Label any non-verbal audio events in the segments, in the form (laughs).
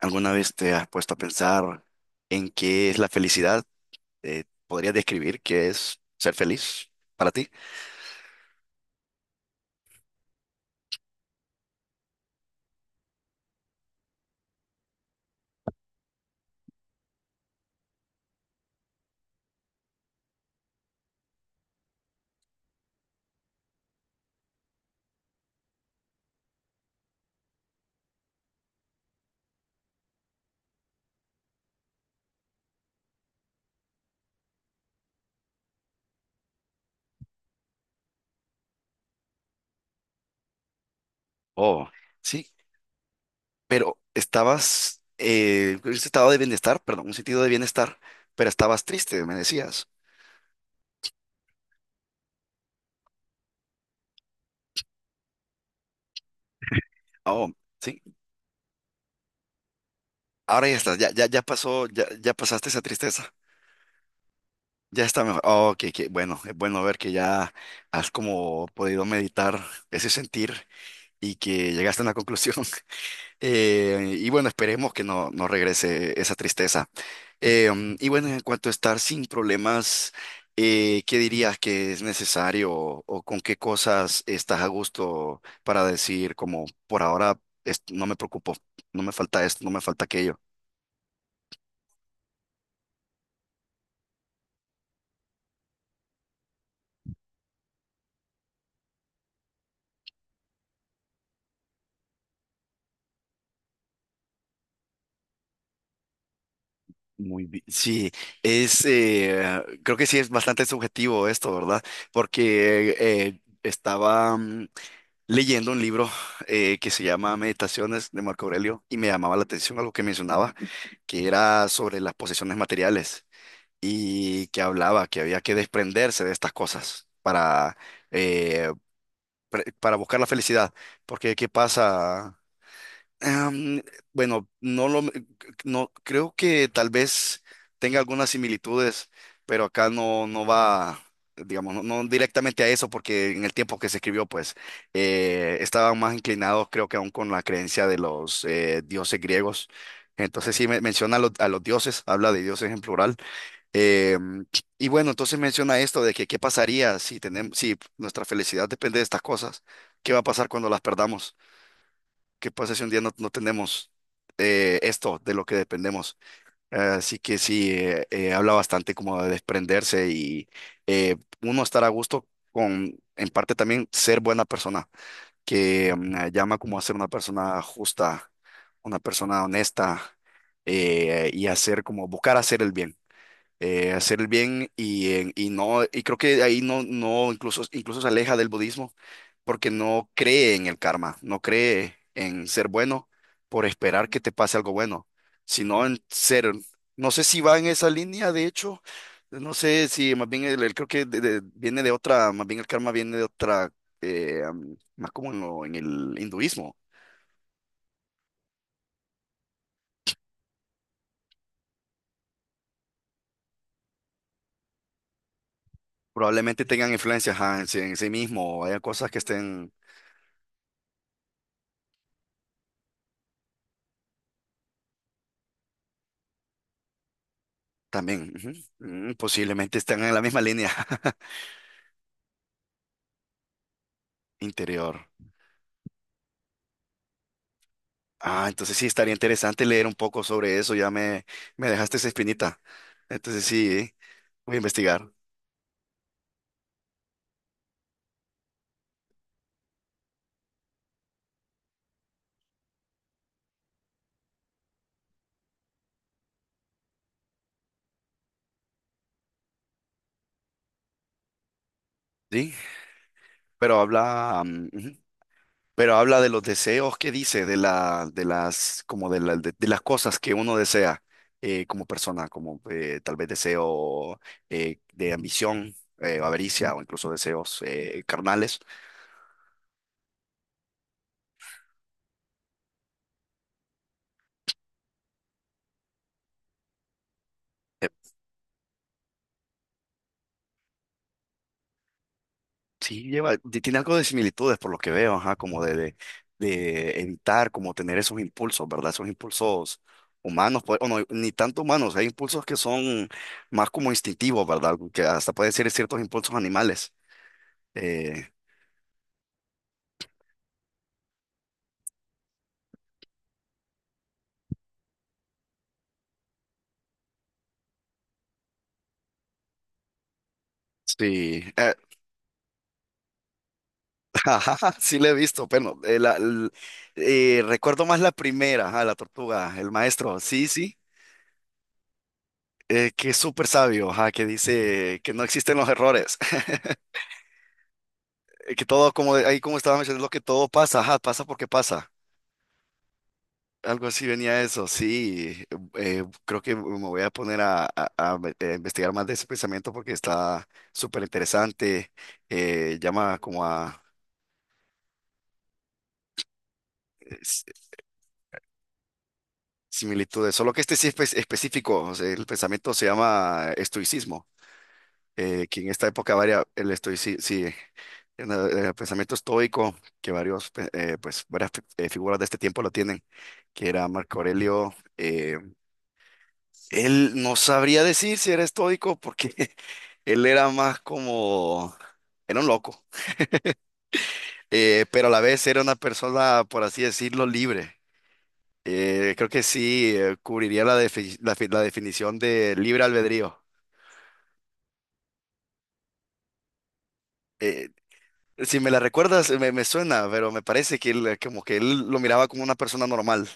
¿Alguna vez te has puesto a pensar en qué es la felicidad? ¿Podrías describir qué es ser feliz para ti? Oh, sí, pero estabas, en un estado de bienestar, perdón, un sentido de bienestar, pero estabas triste, me decías. Oh, sí, ahora ya estás, ya, ya, ya pasó, ya, ya pasaste esa tristeza, ya está mejor. Oh, que bueno, es bueno ver que ya has como podido meditar ese sentir y que llegaste a una conclusión. (laughs) Y bueno, esperemos que no regrese esa tristeza. Y bueno, en cuanto a estar sin problemas, ¿qué dirías que es necesario o con qué cosas estás a gusto para decir como por ahora no me preocupo, no me falta esto, no me falta aquello? Muy bien. Sí, creo que sí es bastante subjetivo esto, ¿verdad? Porque estaba, leyendo un libro que se llama Meditaciones de Marco Aurelio, y me llamaba la atención algo que mencionaba, que era sobre las posesiones materiales y que hablaba que había que desprenderse de estas cosas para, eh, para buscar la felicidad. Porque ¿qué pasa? Am, bueno, no, creo que tal vez tenga algunas similitudes, pero acá no va, digamos, no directamente a eso, porque en el tiempo que se escribió, pues, estaban más inclinados, creo que aún con la creencia de los dioses griegos. Entonces sí menciona a a los dioses, habla de dioses en plural. Em, y bueno, entonces menciona esto de que qué pasaría si tenemos, si nuestra felicidad depende de estas cosas, ¿qué va a pasar cuando las perdamos? ¿Qué pasa si un día no tenemos esto de lo que dependemos? Así que sí, habla bastante como de desprenderse y eh, uno estar a gusto con, en parte también, ser buena persona, que llama como a ser una persona justa, una persona honesta, y hacer como buscar hacer el bien, hacer el bien y creo que ahí no, no, incluso, incluso se aleja del budismo porque no cree en el karma, no cree en ser bueno por esperar que te pase algo bueno, sino en ser, no sé si va en esa línea, de hecho, no sé si más bien creo que viene de otra, más bien el karma viene de otra, más como en, en el hinduismo. Probablemente tengan influencias, ajá, en sí mismo, o haya cosas que estén. También, ujú. Mm, posiblemente están en la misma línea. (laughs) Interior. Ah, entonces sí, estaría interesante leer un poco sobre eso. Me dejaste esa espinita. Entonces sí, voy a investigar. Sí, pero habla, mm, ujú. Pero habla de los deseos que dice, de la, de las, como de las cosas que uno desea, como persona, como tal vez deseo de ambición, avaricia o incluso deseos carnales. Sí, lleva, tiene algo de similitudes por lo que veo, ajá, de evitar, como tener esos impulsos, ¿verdad? Esos impulsos humanos, pues, o no, ni tanto humanos, hay impulsos que son más como instintivos, ¿verdad? Que hasta pueden ser ciertos impulsos animales. Eh, sí, eh, (laughs) ajá, sí le he visto, pero recuerdo más la primera, ajá, la tortuga, el maestro, sí, sí, que es súper sabio, ajá, que dice que no existen los errores. Que todo, ahí como estaba mencionando, que todo pasa, ajá, pasa porque pasa. Algo así venía eso, sí. Creo que me voy a poner a investigar más de ese pensamiento porque está súper interesante. Llama como a eh, s- similitudes, solo que este sí es específico. O sea, el pensamiento se llama estoicismo, que en esta época varia el estoicismo, sí, en el pensamiento estoico, que varios, pues, varias figuras de este tiempo lo tienen, que era Marco Aurelio. Él no sabría decir si era estoico porque (laughs) él era más como, era un loco, pero a la vez era una persona, por así decirlo, libre. Creo que sí, cubriría la definición de libre albedrío. Eh, si me la recuerdas, me suena, pero me parece que él, como que él lo miraba como una persona normal.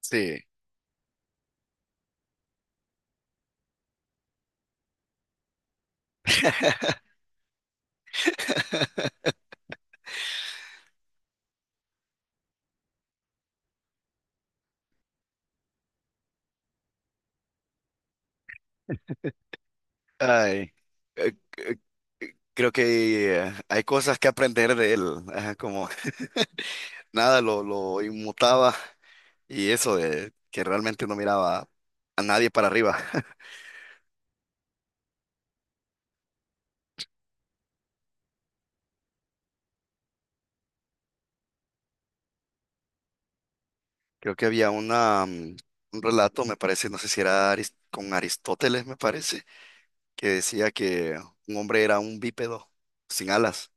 Sí. Ay, eh, eh, creo que hay cosas que aprender de él, ajá, como... nada lo inmutaba y eso de que realmente no miraba a nadie para arriba. (laughs) Creo que había una, mm, un relato, me parece, no sé si era con Aristóteles, me parece, que decía que un hombre era un bípedo sin alas,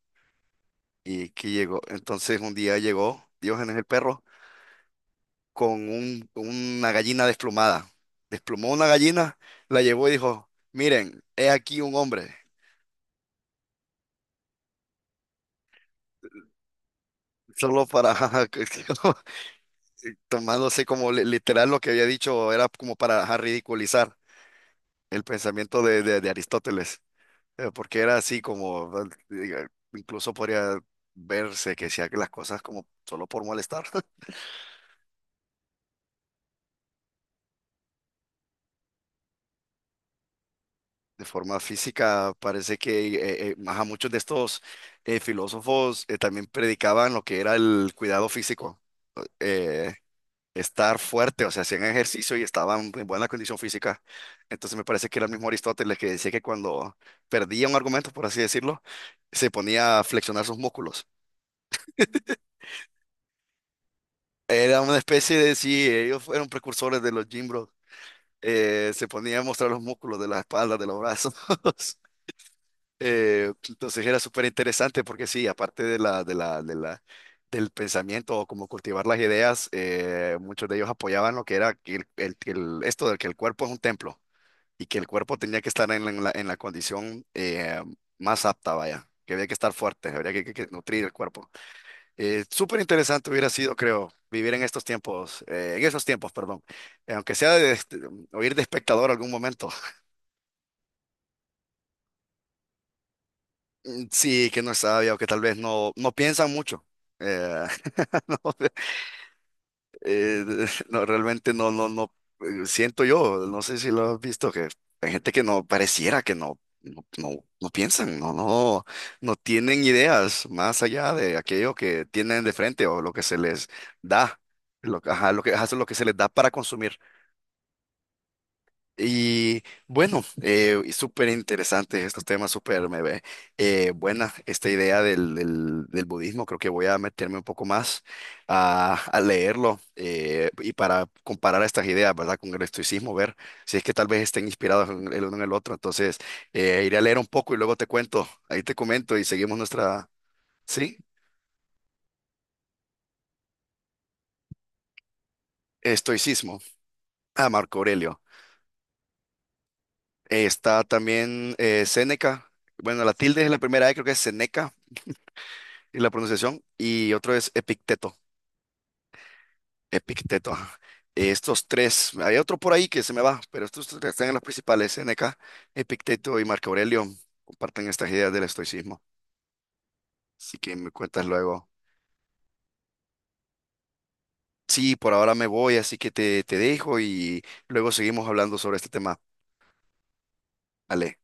y que llegó, entonces un día llegó Diógenes el Perro con una gallina desplumada. Desplumó una gallina, la llevó y dijo: miren, he aquí un hombre, solo para... (laughs) tomándose como literal lo que había dicho, era como para, ajá, ridiculizar el pensamiento de Aristóteles, porque era así como, eh, incluso podría verse que hacía las cosas como solo por molestar. (laughs) De forma física, parece que ajá, muchos de estos filósofos también predicaban lo que era el cuidado físico. eh, Estar fuerte, o sea, hacían ejercicio y estaban en buena condición física. Entonces me parece que era el mismo Aristóteles que decía que cuando perdía un argumento, por así decirlo, se ponía a flexionar sus músculos. Era una especie de, sí, ellos fueron precursores de los gym bros. Se ponía a mostrar los músculos de la espalda, de los brazos. (laughs) Entonces era súper interesante porque sí, aparte del pensamiento o como cultivar las ideas, muchos de ellos apoyaban lo que era que esto de que el cuerpo es un templo, y que el cuerpo tenía que estar en en la condición más apta, vaya, que había que estar fuerte, que nutrir el cuerpo. Súper interesante hubiera sido, creo, vivir en estos tiempos, en esos tiempos, perdón. Aunque sea de, este, oír de espectador algún momento. Mm, sí, que no es sabia o que tal vez no piensan mucho. Eh, (laughs) no, Eh, (laughs) no, realmente siento yo, no sé si lo has visto, que hay gente que no pareciera que no piensan, no tienen ideas más allá de aquello que tienen de frente o lo que se les da, ajá, ajá, eso es lo que se les da para consumir. Y bueno, y súper interesante estos temas, súper me ve buena esta idea del budismo. Creo que voy a meterme un poco más a leerlo, y para comparar estas ideas, ¿verdad? Con el estoicismo, ver si es que tal vez estén inspirados el uno en el otro. Entonces, iré a leer un poco y luego te cuento, ahí te comento y seguimos nuestra, ¿sí? Estoicismo. Ah, Marco Aurelio. Está también Séneca. Bueno, la tilde es la primera E, creo que es Seneca, y la pronunciación, y otro es Epicteto, Epicteto, ajá. Estos tres, hay otro por ahí que se me va, pero estos tres están en las principales, N K Epicteto y Marco Aurelio, comparten estas ideas del estoicismo. Así que me cuentas luego. Sí, por ahora me voy, así que te dejo y luego seguimos hablando sobre este tema. Ale.